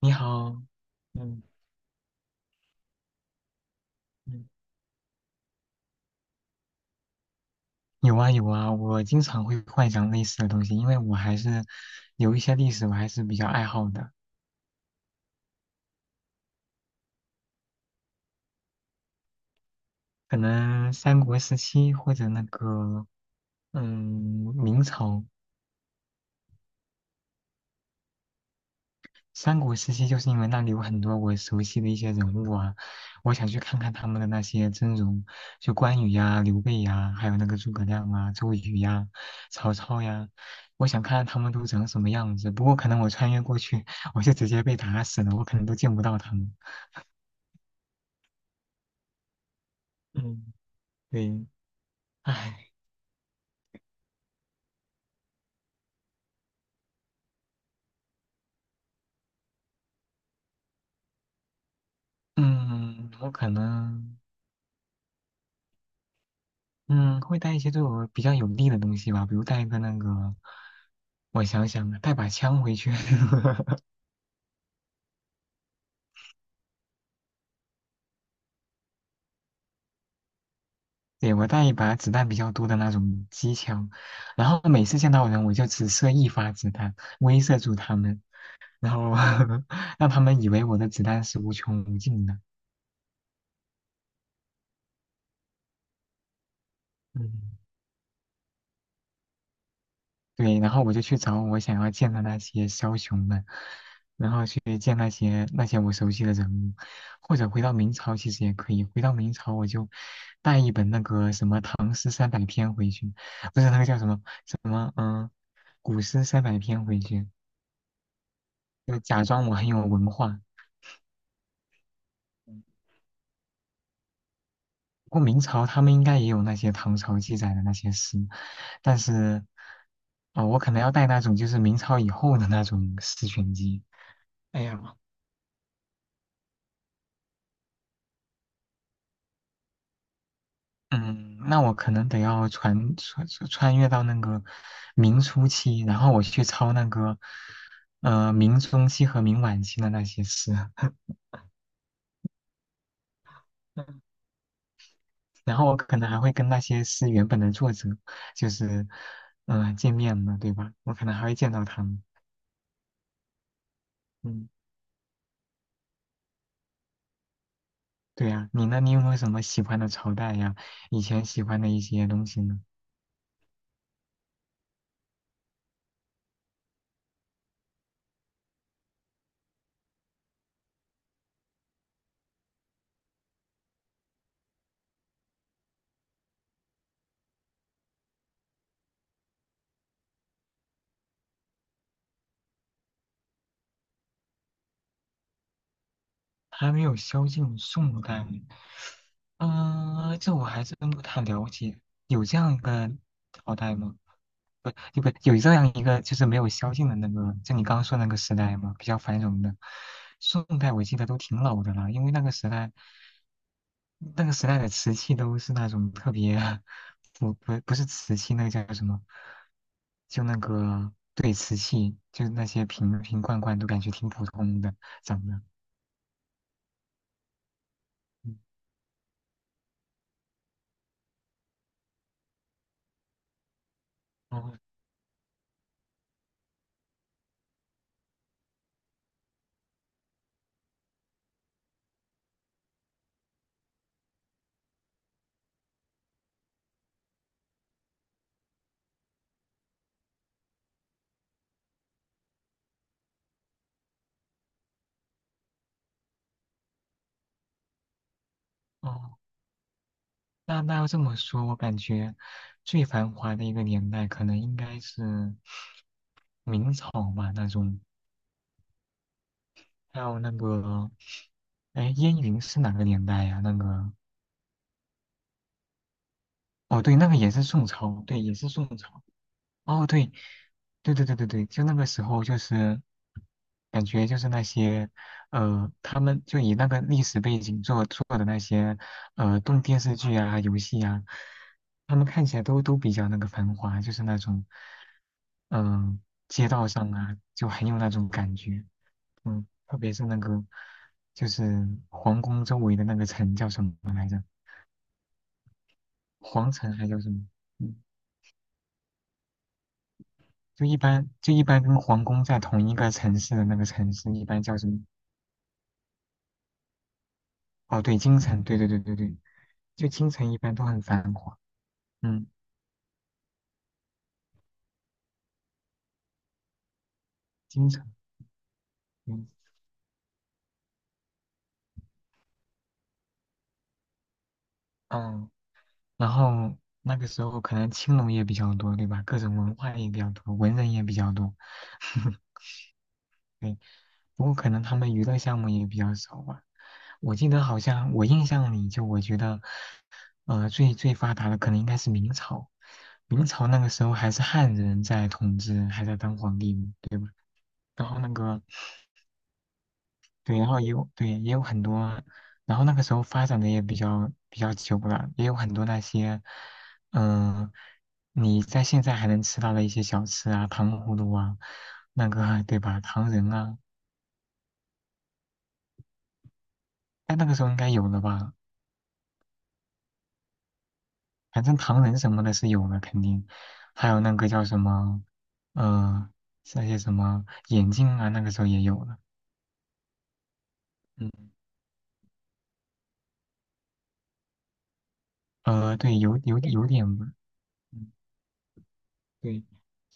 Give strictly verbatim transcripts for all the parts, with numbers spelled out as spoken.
你好。嗯嗯，有啊有啊，我经常会幻想类似的东西，因为我还是有一些历史我还是比较爱好的，可能三国时期或者那个嗯明朝。三国时期就是因为那里有很多我熟悉的一些人物啊，我想去看看他们的那些真容，就关羽呀、刘备呀，还有那个诸葛亮啊、周瑜呀、曹操呀，我想看看他们都长什么样子。不过可能我穿越过去，我就直接被打死了，我可能都见不到他们。嗯，对，唉。嗯，我可能嗯会带一些对我比较有利的东西吧，比如带一个那个，我想想，带把枪回去。对，我带一把子弹比较多的那种机枪，然后每次见到人我就只射一发子弹，威慑住他们，然后 让他们以为我的子弹是无穷无尽的。嗯，对，然后我就去找我想要见的那些枭雄们，然后去见那些那些我熟悉的人物，或者回到明朝其实也可以。回到明朝我就带一本那个什么《唐诗三百篇》回去，不是那个叫什么什么嗯。古诗三百篇回去，就假装我很有文化。不过明朝他们应该也有那些唐朝记载的那些诗，但是，啊、我可能要带那种就是明朝以后的那种诗选集。哎呀，嗯，那我可能得要穿穿穿越到那个明初期，然后我去抄那个，呃，明中期和明晚期的那些诗。然后我可能还会跟那些诗原本的作者，就是，嗯、见面嘛，对吧？我可能还会见到他们。嗯，对呀，你呢？你有没有什么喜欢的朝代呀？以前喜欢的一些东西呢？还没有萧晋宋代，嗯，这我还真不太了解。有这样一个朝代吗？不，不，有这样一个就是没有萧晋的那个，就你刚刚说那个时代吗？比较繁荣的。宋代我记得都挺老的了，因为那个时代那个时代的瓷器都是那种特别，不不不是瓷器，那个叫什么？就那个对瓷器，就是那些瓶瓶罐罐都感觉挺普通的，长得。嗯，哦哦，那那要这么说，我感觉最繁华的一个年代，可能应该是明朝吧，那种。还有那个，哎，燕云是哪个年代呀、那个，哦，对，那个也是宋朝，对，也是宋朝。哦，对，对对对对对，就那个时候就是感觉就是那些，呃，他们就以那个历史背景做做的那些呃动电视剧啊、游戏啊，他们看起来都都比较那个繁华，就是那种嗯、呃街道上啊，就很有那种感觉。嗯，特别是那个就是皇宫周围的那个城叫什么来着？皇城还叫什么？嗯，就一般就一般跟皇宫在同一个城市的那个城市，一般叫什么？哦，对，京城，对对对对对，就京城一般都很繁华。嗯，京城，嗯嗯，然后那个时候可能青楼也比较多，对吧？各种文化也比较多，文人也比较多。对。不过可能他们娱乐项目也比较少吧。我记得好像我印象里，就我觉得，呃，最最发达的可能应该是明朝。明朝那个时候还是汉人在统治，还在当皇帝呢，对吧？然后那个，对，然后也有对也有很多，然后那个时候发展的也比较比较久了，也有很多那些，嗯、你在现在还能吃到的一些小吃啊，糖葫芦啊，那个对吧？糖人啊，但那个时候应该有了吧？反正唐人什么的是有的，肯定，还有那个叫什么，呃，那些什么眼镜啊，那个时候也有了。嗯，呃，对，有有有点吧。嗯，对，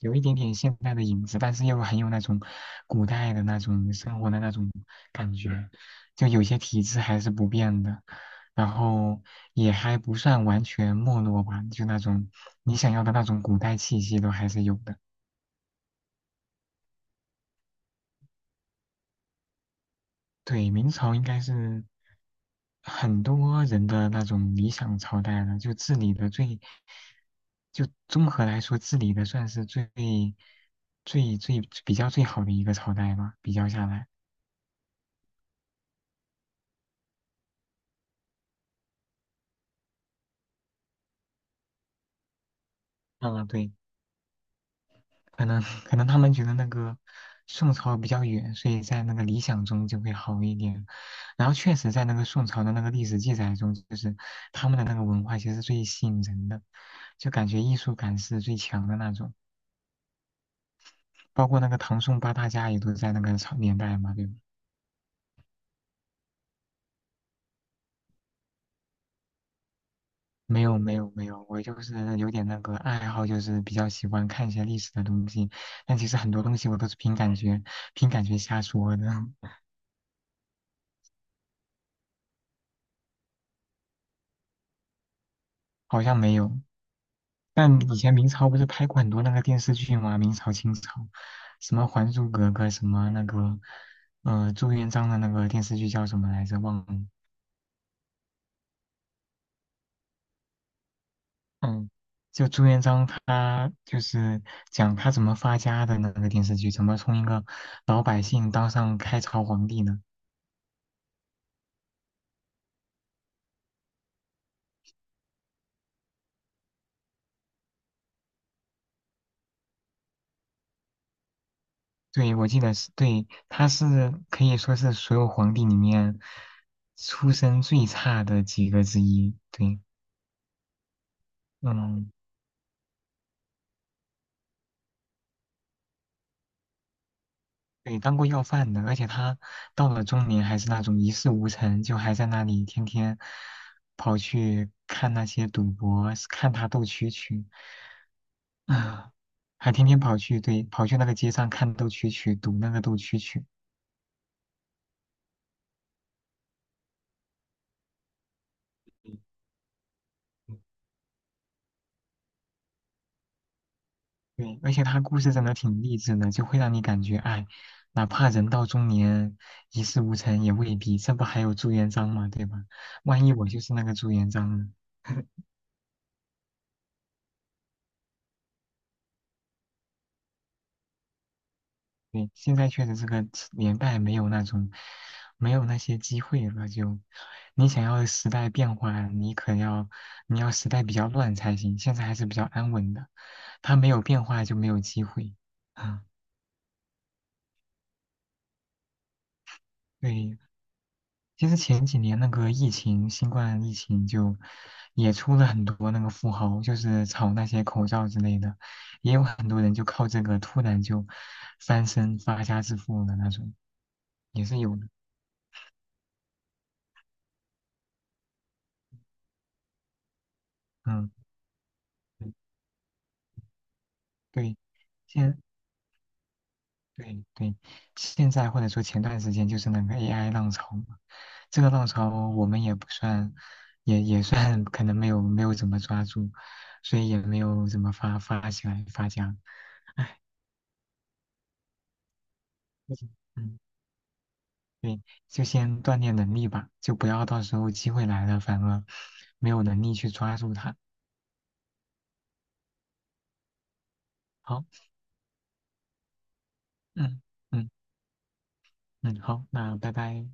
有一点点现代的影子，但是又很有那种古代的那种生活的那种感觉，就有些体制还是不变的，然后也还不算完全没落吧，就那种你想要的那种古代气息都还是有的。对，明朝应该是很多人的那种理想朝代了，就治理的最，就综合来说，治理的算是最最最比较最好的一个朝代吧。比较下来，啊，对，可能可能他们觉得那个宋朝比较远，所以在那个理想中就会好一点。然后确实，在那个宋朝的那个历史记载中，就是他们的那个文化其实最吸引人的，就感觉艺术感是最强的那种。包括那个唐宋八大家也都在那个朝年代嘛，对吧？没有没有没有，我就是有点那个爱好，就是比较喜欢看一些历史的东西，但其实很多东西我都是凭感觉，凭感觉瞎说的。好像没有。但以前明朝不是拍过很多那个电视剧吗？明朝、清朝，什么《还珠格格》，什么那个，呃，朱元璋的那个电视剧叫什么来着？忘了。嗯，就朱元璋他就是讲他怎么发家的那个电视剧，怎么从一个老百姓当上开朝皇帝呢？对，我记得是对，他是可以说是所有皇帝里面出身最差的几个之一。对，嗯，对，当过要饭的，而且他到了中年还是那种一事无成，就还在那里天天跑去看那些赌博，看他斗蛐蛐。啊，还天天跑去，对，跑去那个街上看斗蛐蛐，赌那个斗蛐蛐。对，而且他故事真的挺励志的，就会让你感觉，哎，哪怕人到中年一事无成也未必，这不还有朱元璋吗？对吧？万一我就是那个朱元璋呢？对，现在确实这个年代没有那种，没有那些机会了。就你想要时代变化，你可要你要时代比较乱才行。现在还是比较安稳的，它没有变化就没有机会。啊，对，其实前几年那个疫情，新冠疫情就也出了很多那个富豪，就是炒那些口罩之类的，也有很多人就靠这个突然就翻身发家致富的那种，也是有的。嗯。对，现对对，现在或者说前段时间就是那个 A I 浪潮嘛，这个浪潮我们也不算，也也算可能没有没有怎么抓住，所以也没有怎么发发起来发家。嗯，嗯对，就先锻炼能力吧，就不要到时候机会来了反而没有能力去抓住它。好，嗯嗯嗯，好，那拜拜。